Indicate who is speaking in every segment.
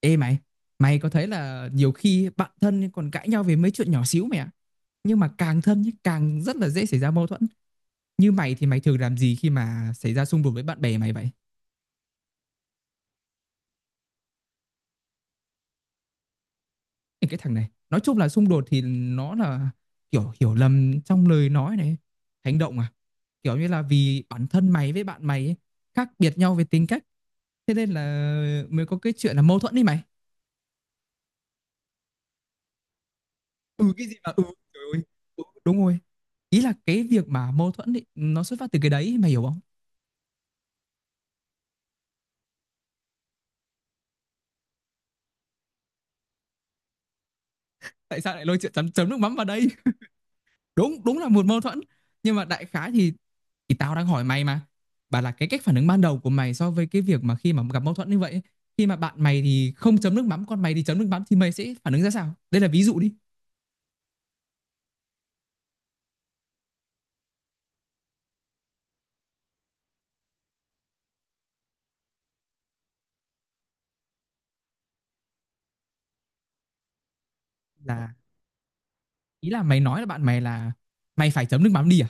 Speaker 1: Ê mày, mày có thấy là nhiều khi bạn thân còn cãi nhau về mấy chuyện nhỏ xíu mày ạ? Nhưng mà càng thân nhé, càng rất là dễ xảy ra mâu thuẫn. Như mày thì mày thường làm gì khi mà xảy ra xung đột với bạn bè mày vậy? Ê, cái thằng này, nói chung là xung đột thì nó là kiểu hiểu lầm trong lời nói này, hành động à? Kiểu như là vì bản thân mày với bạn mày ấy, khác biệt nhau về tính cách, thế nên là mới có cái chuyện là mâu thuẫn đi mày. Ừ cái gì mà trời ơi. Ừ, đúng rồi. Ý là cái việc mà mâu thuẫn ấy, nó xuất phát từ cái đấy, mày hiểu không? Tại sao lại lôi chuyện chấm chấm nước mắm vào đây? Đúng đúng là một mâu thuẫn, nhưng mà đại khái thì tao đang hỏi mày mà, bảo là cái cách phản ứng ban đầu của mày so với cái việc mà khi mà gặp mâu thuẫn như vậy, khi mà bạn mày thì không chấm nước mắm còn mày thì chấm nước mắm thì mày sẽ phản ứng ra sao, đây là ví dụ đi. Là ý là mày nói là bạn mày là mày phải chấm nước mắm đi à,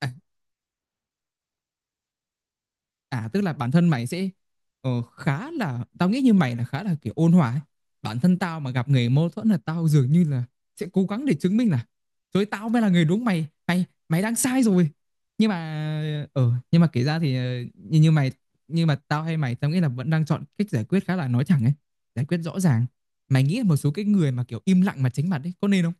Speaker 1: à? À, tức là bản thân mày sẽ, ờ, khá là, tao nghĩ như mày là khá là kiểu ôn hòa ấy. Bản thân tao mà gặp người mâu thuẫn là tao dường như là sẽ cố gắng để chứng minh là, rồi tao mới là người đúng, mày mày mày đang sai rồi. Nhưng mà kể ra thì, như như mày, nhưng mà tao hay mày tao nghĩ là vẫn đang chọn cách giải quyết khá là nói thẳng ấy, giải quyết rõ ràng. Mày nghĩ là một số cái người mà kiểu im lặng mà tránh mặt ấy có nên không?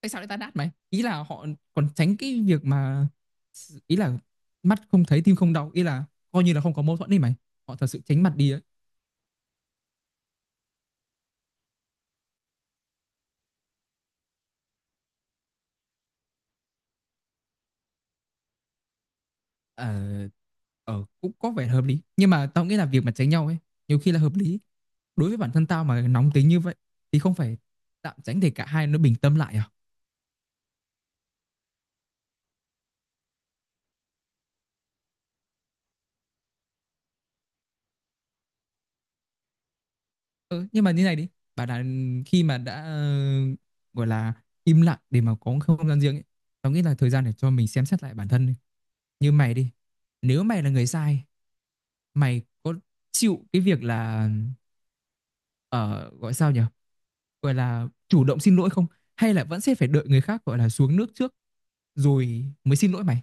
Speaker 1: Tại sao lại tan nát mày? Ý là họ còn tránh cái việc mà, ý là mắt không thấy tim không đau, ý là coi như là không có mâu thuẫn đi mày, họ thật sự tránh mặt đi ấy. ờ Cũng có vẻ hợp lý, nhưng mà tao nghĩ là việc mà tránh nhau ấy nhiều khi là hợp lý. Đối với bản thân tao mà nóng tính như vậy thì không phải tạm tránh để cả hai nó bình tâm lại à? Ừ, nhưng mà như này đi, bảo là khi mà đã, gọi là im lặng để mà có không gian riêng ấy, tao nghĩ là thời gian để cho mình xem xét lại bản thân đi. Như mày đi, nếu mày là người sai, mày có chịu cái việc là ở, gọi sao nhỉ, gọi là chủ động xin lỗi không, hay là vẫn sẽ phải đợi người khác gọi là xuống nước trước rồi mới xin lỗi mày?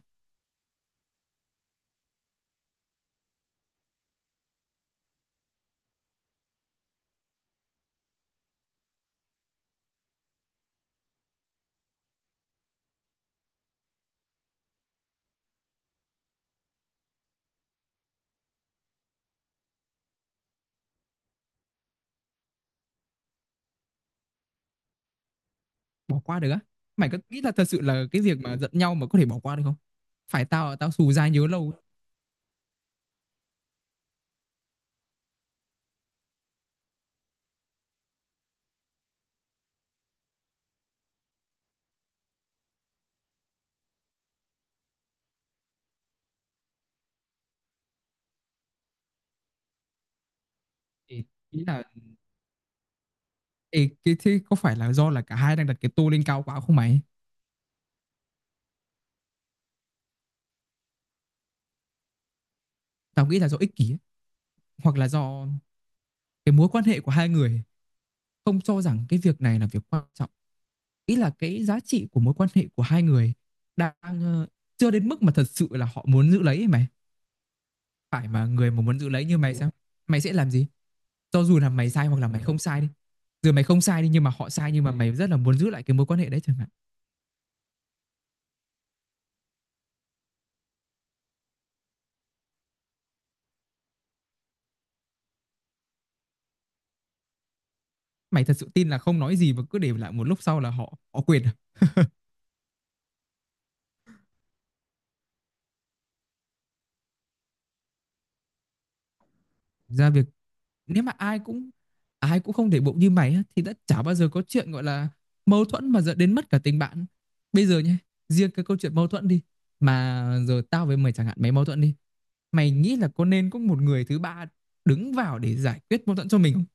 Speaker 1: Bỏ qua được á? Mày có nghĩ là thật sự là cái việc mà giận nhau mà có thể bỏ qua được không? Phải tao tao xù dai nhớ lâu. Thì ý là ê, cái thế có phải là do là cả hai đang đặt cái tô lên cao quá không mày? Tao nghĩ là do ích kỷ ấy. Hoặc là do cái mối quan hệ của hai người không cho rằng cái việc này là việc quan trọng, nghĩ là cái giá trị của mối quan hệ của hai người đang, chưa đến mức mà thật sự là họ muốn giữ lấy mày. Phải mà người mà muốn giữ lấy như mày sao, mày sẽ làm gì, cho dù là mày sai hoặc là mày không sai đi? Dù mày không sai đi nhưng mà họ sai, nhưng mà mày rất là muốn giữ lại cái mối quan hệ đấy chẳng hạn. Mày thật sự tin là không nói gì mà cứ để lại một lúc sau là họ họ quên à? Ra việc, nếu mà ai cũng không để bụng như mày á, thì đã chả bao giờ có chuyện gọi là mâu thuẫn mà dẫn đến mất cả tình bạn. Bây giờ nhé, riêng cái câu chuyện mâu thuẫn đi, mà giờ tao với mày chẳng hạn, mày mâu thuẫn đi, mày nghĩ là có nên có một người thứ ba đứng vào để giải quyết mâu thuẫn cho mình không?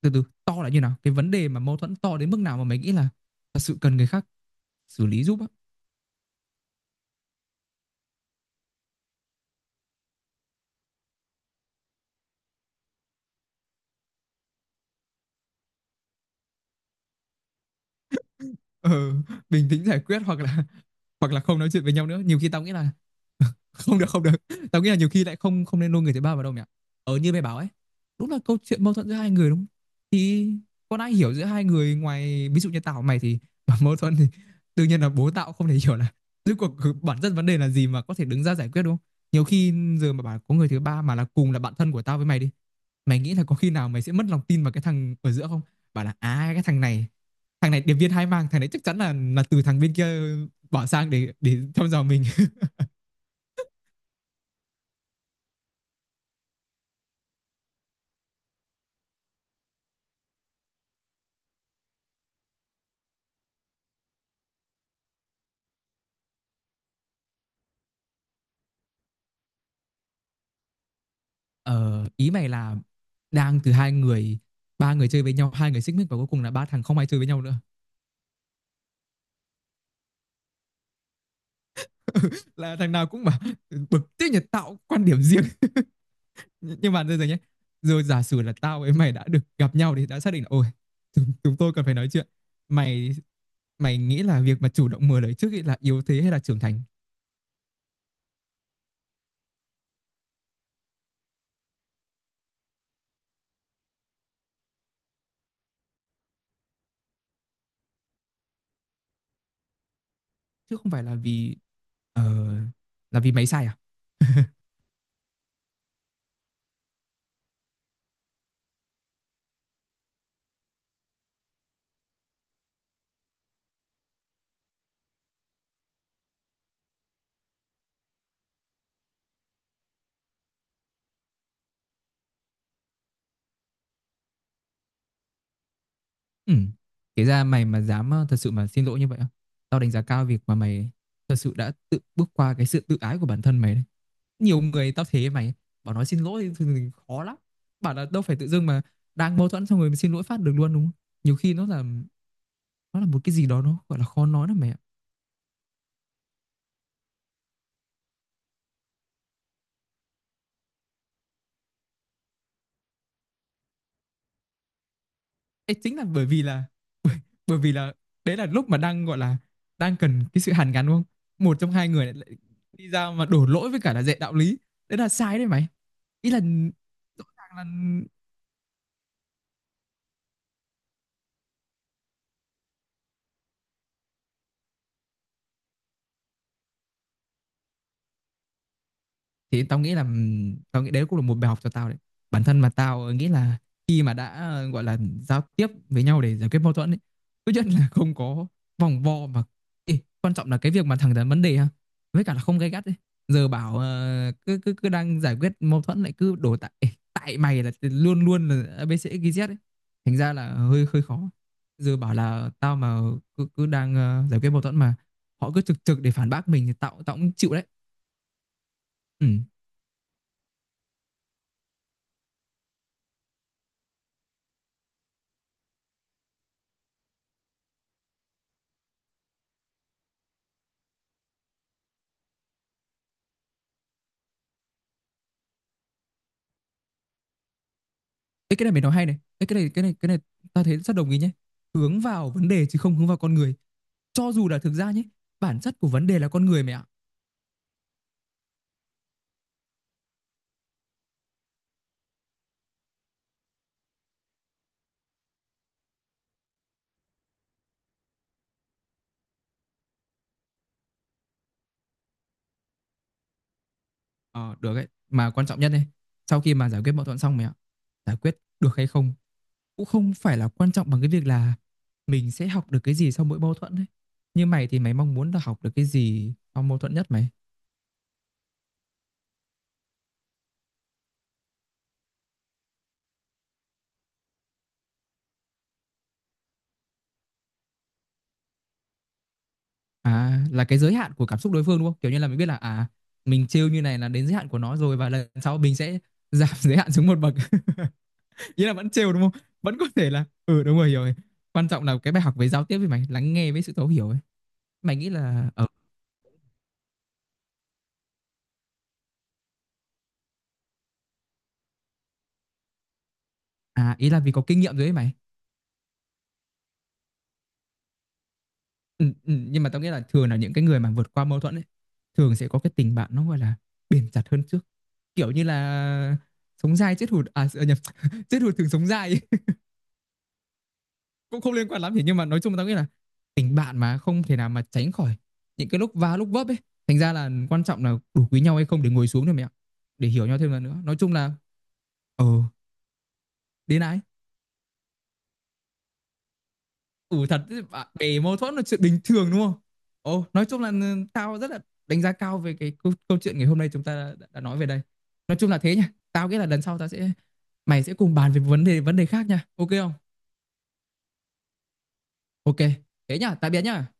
Speaker 1: Từ từ, to là như nào? Cái vấn đề mà mâu thuẫn to đến mức nào mà mày nghĩ là thật sự cần người khác xử lý giúp á? Ừ, bình tĩnh giải quyết, hoặc là không nói chuyện với nhau nữa, nhiều khi tao nghĩ là không được, không được, tao nghĩ là nhiều khi lại không không nên lôi người thứ ba vào đâu nhỉ. Như mày bảo ấy, đúng là câu chuyện mâu thuẫn giữa hai người đúng không? Thì con ai hiểu giữa hai người ngoài ví dụ như tao và mày thì mâu thuẫn thì đương nhiên là bố tao không thể hiểu là rốt cuộc bản chất vấn đề là gì mà có thể đứng ra giải quyết, đúng không? Nhiều khi giờ mà bảo có người thứ ba mà là cùng là bạn thân của tao với mày đi, mày nghĩ là có khi nào mày sẽ mất lòng tin vào cái thằng ở giữa không? Bảo là à cái thằng này, thằng này điệp viên hai mang, thằng này chắc chắn là từ thằng bên kia bỏ sang để thăm dò mình. Ờ, ý mày là đang từ hai người, ba người chơi với nhau, hai người xích mích và cuối cùng là ba thằng không ai chơi với nhau nữa, là thằng nào cũng mà bực tức nhật tạo quan điểm riêng. Nhưng mà bây giờ nhé, rồi giả sử là tao với mày đã được gặp nhau thì đã xác định là ôi, chúng tôi cần phải nói chuyện mày, mày nghĩ là việc mà chủ động mở lời trước ấy là yếu thế hay là trưởng thành? Chứ không phải là vì, ờ, là vì mày sai à? Ừ. Kể ra mày mà dám, thật sự mà xin lỗi như vậy á, tao đánh giá cao việc mà mày thật sự đã tự bước qua cái sự tự ái của bản thân mày đấy. Nhiều người tao thế mày, bảo nói xin lỗi thì khó lắm. Bảo là đâu phải tự dưng mà đang mâu thuẫn xong rồi mình xin lỗi phát được luôn đúng không? Nhiều khi nó là một cái gì đó nó gọi là khó nói lắm mày ạ. Ê, chính là bởi vì là bởi, bởi vì là đấy là lúc mà đang gọi là đang cần cái sự hàn gắn đúng không? Một trong hai người lại đi ra mà đổ lỗi với cả là dạy đạo lý. Đấy là sai đấy mày. Ý là rõ ràng là, thì tao nghĩ đấy cũng là một bài học cho tao đấy. Bản thân mà tao nghĩ là khi mà đã, gọi là giao tiếp với nhau để giải quyết mâu thuẫn ấy, tốt nhất là không có vòng vo mà. Ê, quan trọng là cái việc mà thẳng thắn vấn đề ha, với cả là không gay gắt ấy. Giờ bảo cứ cứ cứ đang giải quyết mâu thuẫn lại cứ đổ tại ê, tại mày là luôn luôn là ABC XYZ ấy, thành ra là hơi hơi khó. Giờ bảo là tao mà cứ cứ đang, giải quyết mâu thuẫn mà họ cứ trực trực để phản bác mình thì tao tao cũng chịu đấy. Ừ. Ê, cái này mày nói hay này. Ê, cái này ta thấy rất đồng ý nhé. Hướng vào vấn đề chứ không hướng vào con người. Cho dù là thực ra nhé, bản chất của vấn đề là con người mày ạ. Ờ được ấy, mà quan trọng nhất này, sau khi mà giải quyết mâu thuẫn xong mày ạ, giải quyết được hay không cũng không phải là quan trọng bằng cái việc là mình sẽ học được cái gì sau mỗi mâu thuẫn ấy. Như mày thì mày mong muốn là học được cái gì sau mâu thuẫn nhất mày? À là cái giới hạn của cảm xúc đối phương đúng không? Kiểu như là mình biết là à mình trêu như này là đến giới hạn của nó rồi và lần sau mình sẽ giảm giới hạn xuống một bậc. Ý là vẫn trêu đúng không, vẫn có thể là ừ đúng rồi hiểu rồi. Quan trọng là cái bài học về giao tiếp với mày, lắng nghe với sự thấu hiểu ấy. Mày nghĩ là à ý là vì có kinh nghiệm rồi ấy mày. Ừ, ừ, nhưng mà tao nghĩ là thường là những cái người mà vượt qua mâu thuẫn ấy thường sẽ có cái tình bạn nó gọi là bền chặt hơn trước, kiểu như là sống dai chết hụt, à nhầm, chết hụt thường sống dai ấy. Cũng không liên quan lắm thì, nhưng mà nói chung là tao nghĩ là tình bạn mà không thể nào mà tránh khỏi những cái lúc va lúc vấp ấy, thành ra là quan trọng là đủ quý nhau hay không để ngồi xuống thôi mẹ ạ, để hiểu nhau thêm lần nữa, nói chung là ờ đến này. Ừ thật chứ bạn mâu thuẫn là chuyện bình thường đúng không? Ồ, nói chung là tao rất là đánh giá cao về cái câu chuyện ngày hôm nay chúng ta đã nói về đây. Nói chung là thế nha. Tao nghĩ là lần sau tao sẽ mày sẽ cùng bàn về vấn đề khác nha. Ok không? Ok. Thế nha, tạm biệt nha.